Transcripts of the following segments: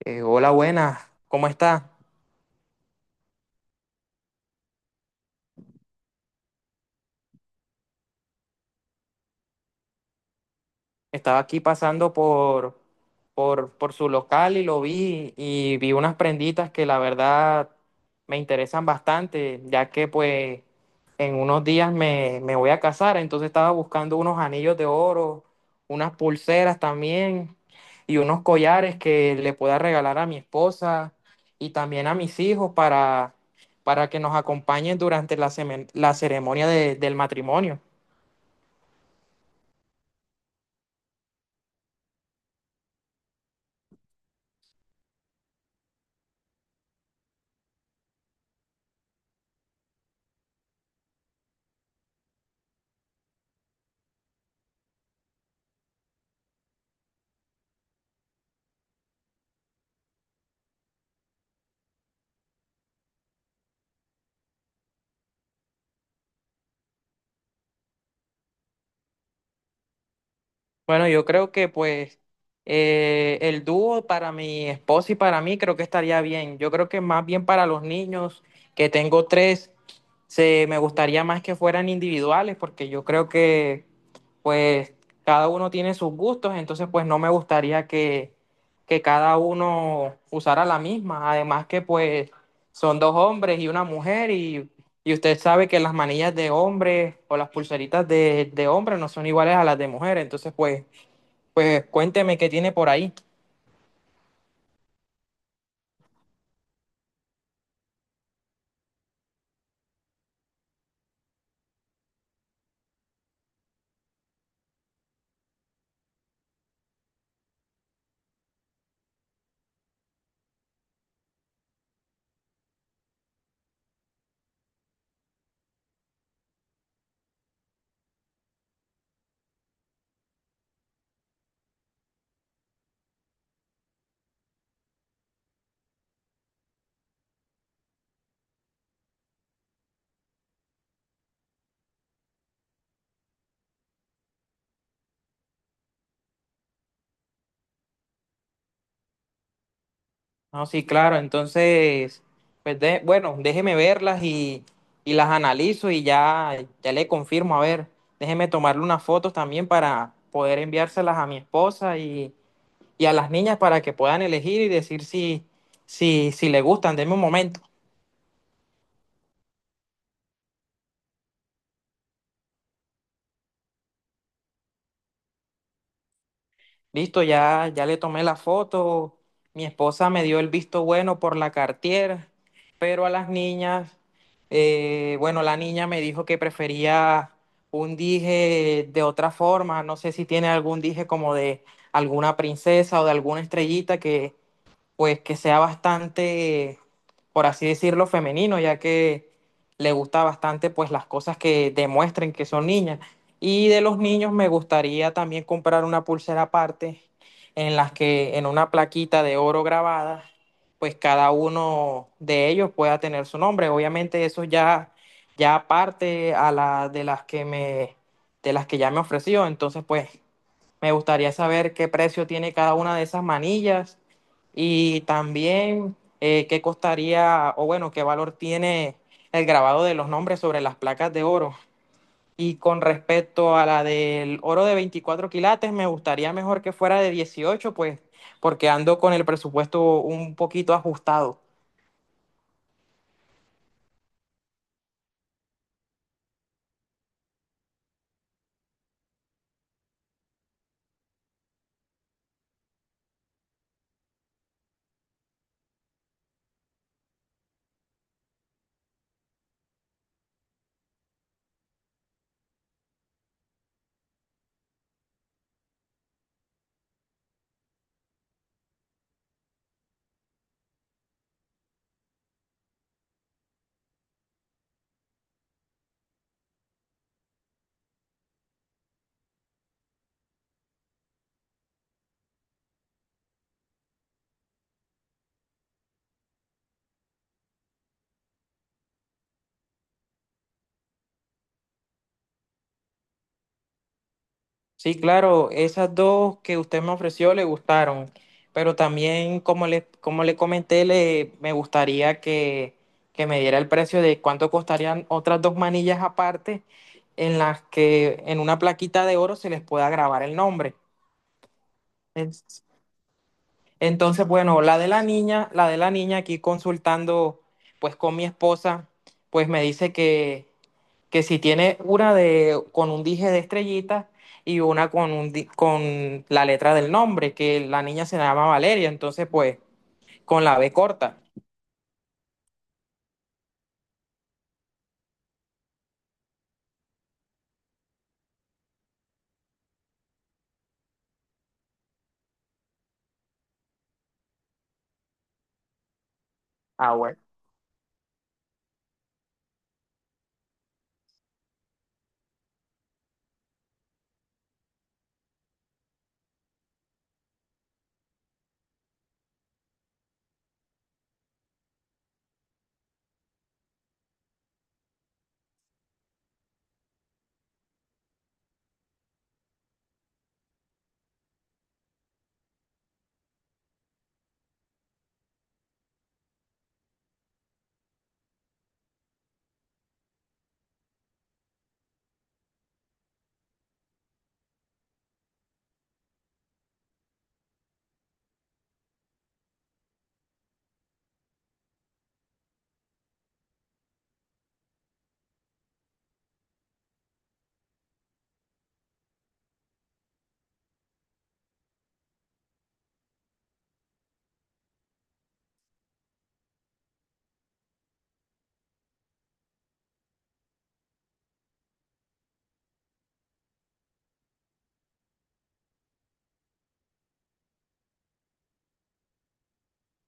Hola, buenas, ¿cómo está? Estaba aquí pasando por su local y lo vi y vi unas prenditas que la verdad me interesan bastante, ya que pues en unos días me voy a casar. Entonces estaba buscando unos anillos de oro, unas pulseras también y unos collares que le pueda regalar a mi esposa y también a mis hijos para que nos acompañen durante la ceremonia del matrimonio. Bueno, yo creo que pues el dúo para mi esposa y para mí creo que estaría bien. Yo creo que más bien para los niños, que tengo tres, se me gustaría más que fueran individuales, porque yo creo que pues cada uno tiene sus gustos. Entonces pues no me gustaría que cada uno usara la misma. Además que pues son dos hombres y una mujer y usted sabe que las manillas de hombres o las pulseritas de hombres no son iguales a las de mujeres. Entonces, pues cuénteme qué tiene por ahí. No, sí, claro. Entonces, pues bueno, déjeme verlas y las analizo y ya le confirmo. A ver, déjeme tomarle unas fotos también para poder enviárselas a mi esposa y a las niñas para que puedan elegir y decir si le gustan. Denme un momento. Listo, ya le tomé la foto. Mi esposa me dio el visto bueno por la Cartier, pero a las niñas, bueno, la niña me dijo que prefería un dije de otra forma. No sé si tiene algún dije como de alguna princesa o de alguna estrellita que, pues que sea bastante, por así decirlo, femenino, ya que le gusta bastante pues las cosas que demuestren que son niñas. Y de los niños me gustaría también comprar una pulsera aparte en las que en una plaquita de oro grabada, pues cada uno de ellos pueda tener su nombre. Obviamente eso ya aparte a la de las que me de las que ya me ofreció. Entonces pues me gustaría saber qué precio tiene cada una de esas manillas y también qué costaría o bueno, qué valor tiene el grabado de los nombres sobre las placas de oro. Y con respecto a la del oro de 24 quilates, me gustaría mejor que fuera de 18, pues porque ando con el presupuesto un poquito ajustado. Sí, claro, esas dos que usted me ofreció le gustaron, pero también como le comenté, me gustaría que me diera el precio de cuánto costarían otras dos manillas aparte en las que en una plaquita de oro se les pueda grabar el nombre. Es- Entonces, bueno, la de la niña aquí consultando pues con mi esposa, pues me dice que si tiene una de, con un dije de estrellitas y una con la letra del nombre, que la niña se llama Valeria. Entonces pues con la B corta. Ah, bueno.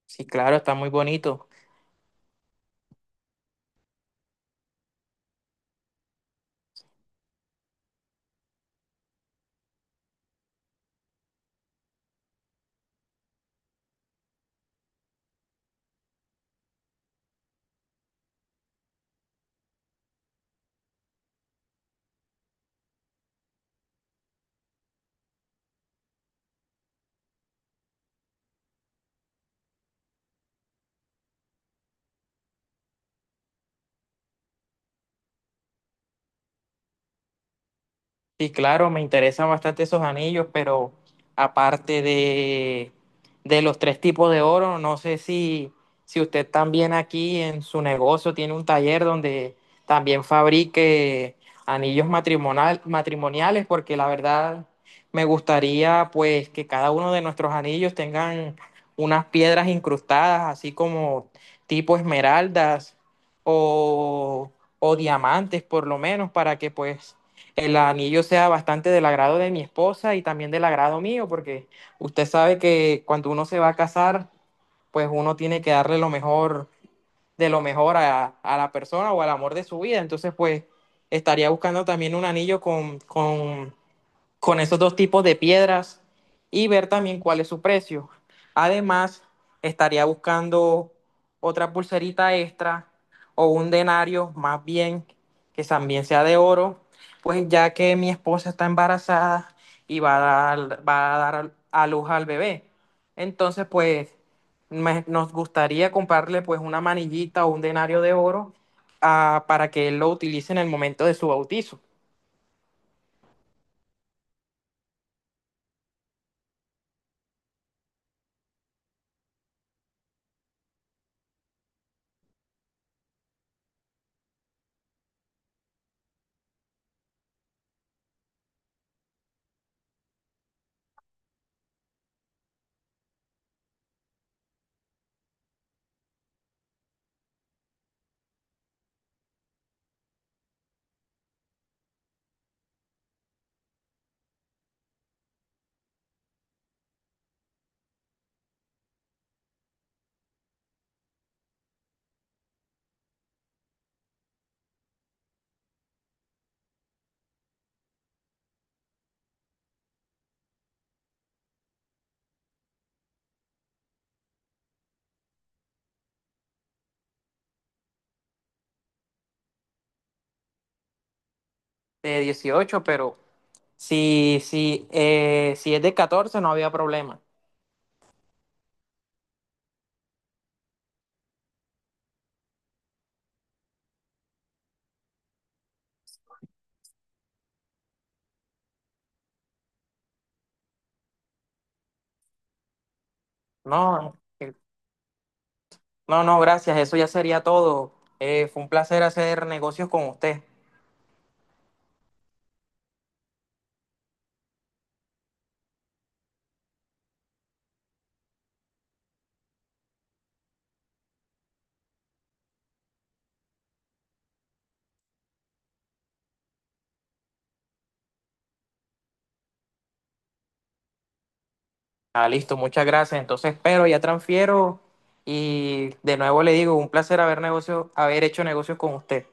Sí, claro, está muy bonito. Sí, claro, me interesan bastante esos anillos, pero aparte de los tres tipos de oro, no sé si usted también aquí en su negocio tiene un taller donde también fabrique anillos matrimoniales, porque la verdad me gustaría pues que cada uno de nuestros anillos tengan unas piedras incrustadas, así como tipo esmeraldas o, o diamantes por lo menos, para que pues el anillo sea bastante del agrado de mi esposa y también del agrado mío, porque usted sabe que cuando uno se va a casar, pues uno tiene que darle lo mejor de lo mejor a la persona o al amor de su vida. Entonces, pues estaría buscando también un anillo con esos dos tipos de piedras y ver también cuál es su precio. Además, estaría buscando otra pulserita extra o un denario más bien que también sea de oro, pues ya que mi esposa está embarazada y dar a luz al bebé. Entonces, pues nos gustaría comprarle pues una manillita o un denario de oro, para que él lo utilice en el momento de su bautizo. De 18, pero si es de 14, no había problema. No, eh, no, no, gracias. Eso ya sería todo. Fue un placer hacer negocios con usted. Ah, listo, muchas gracias. Entonces, pero ya transfiero y de nuevo le digo, un placer haber hecho negocios con usted.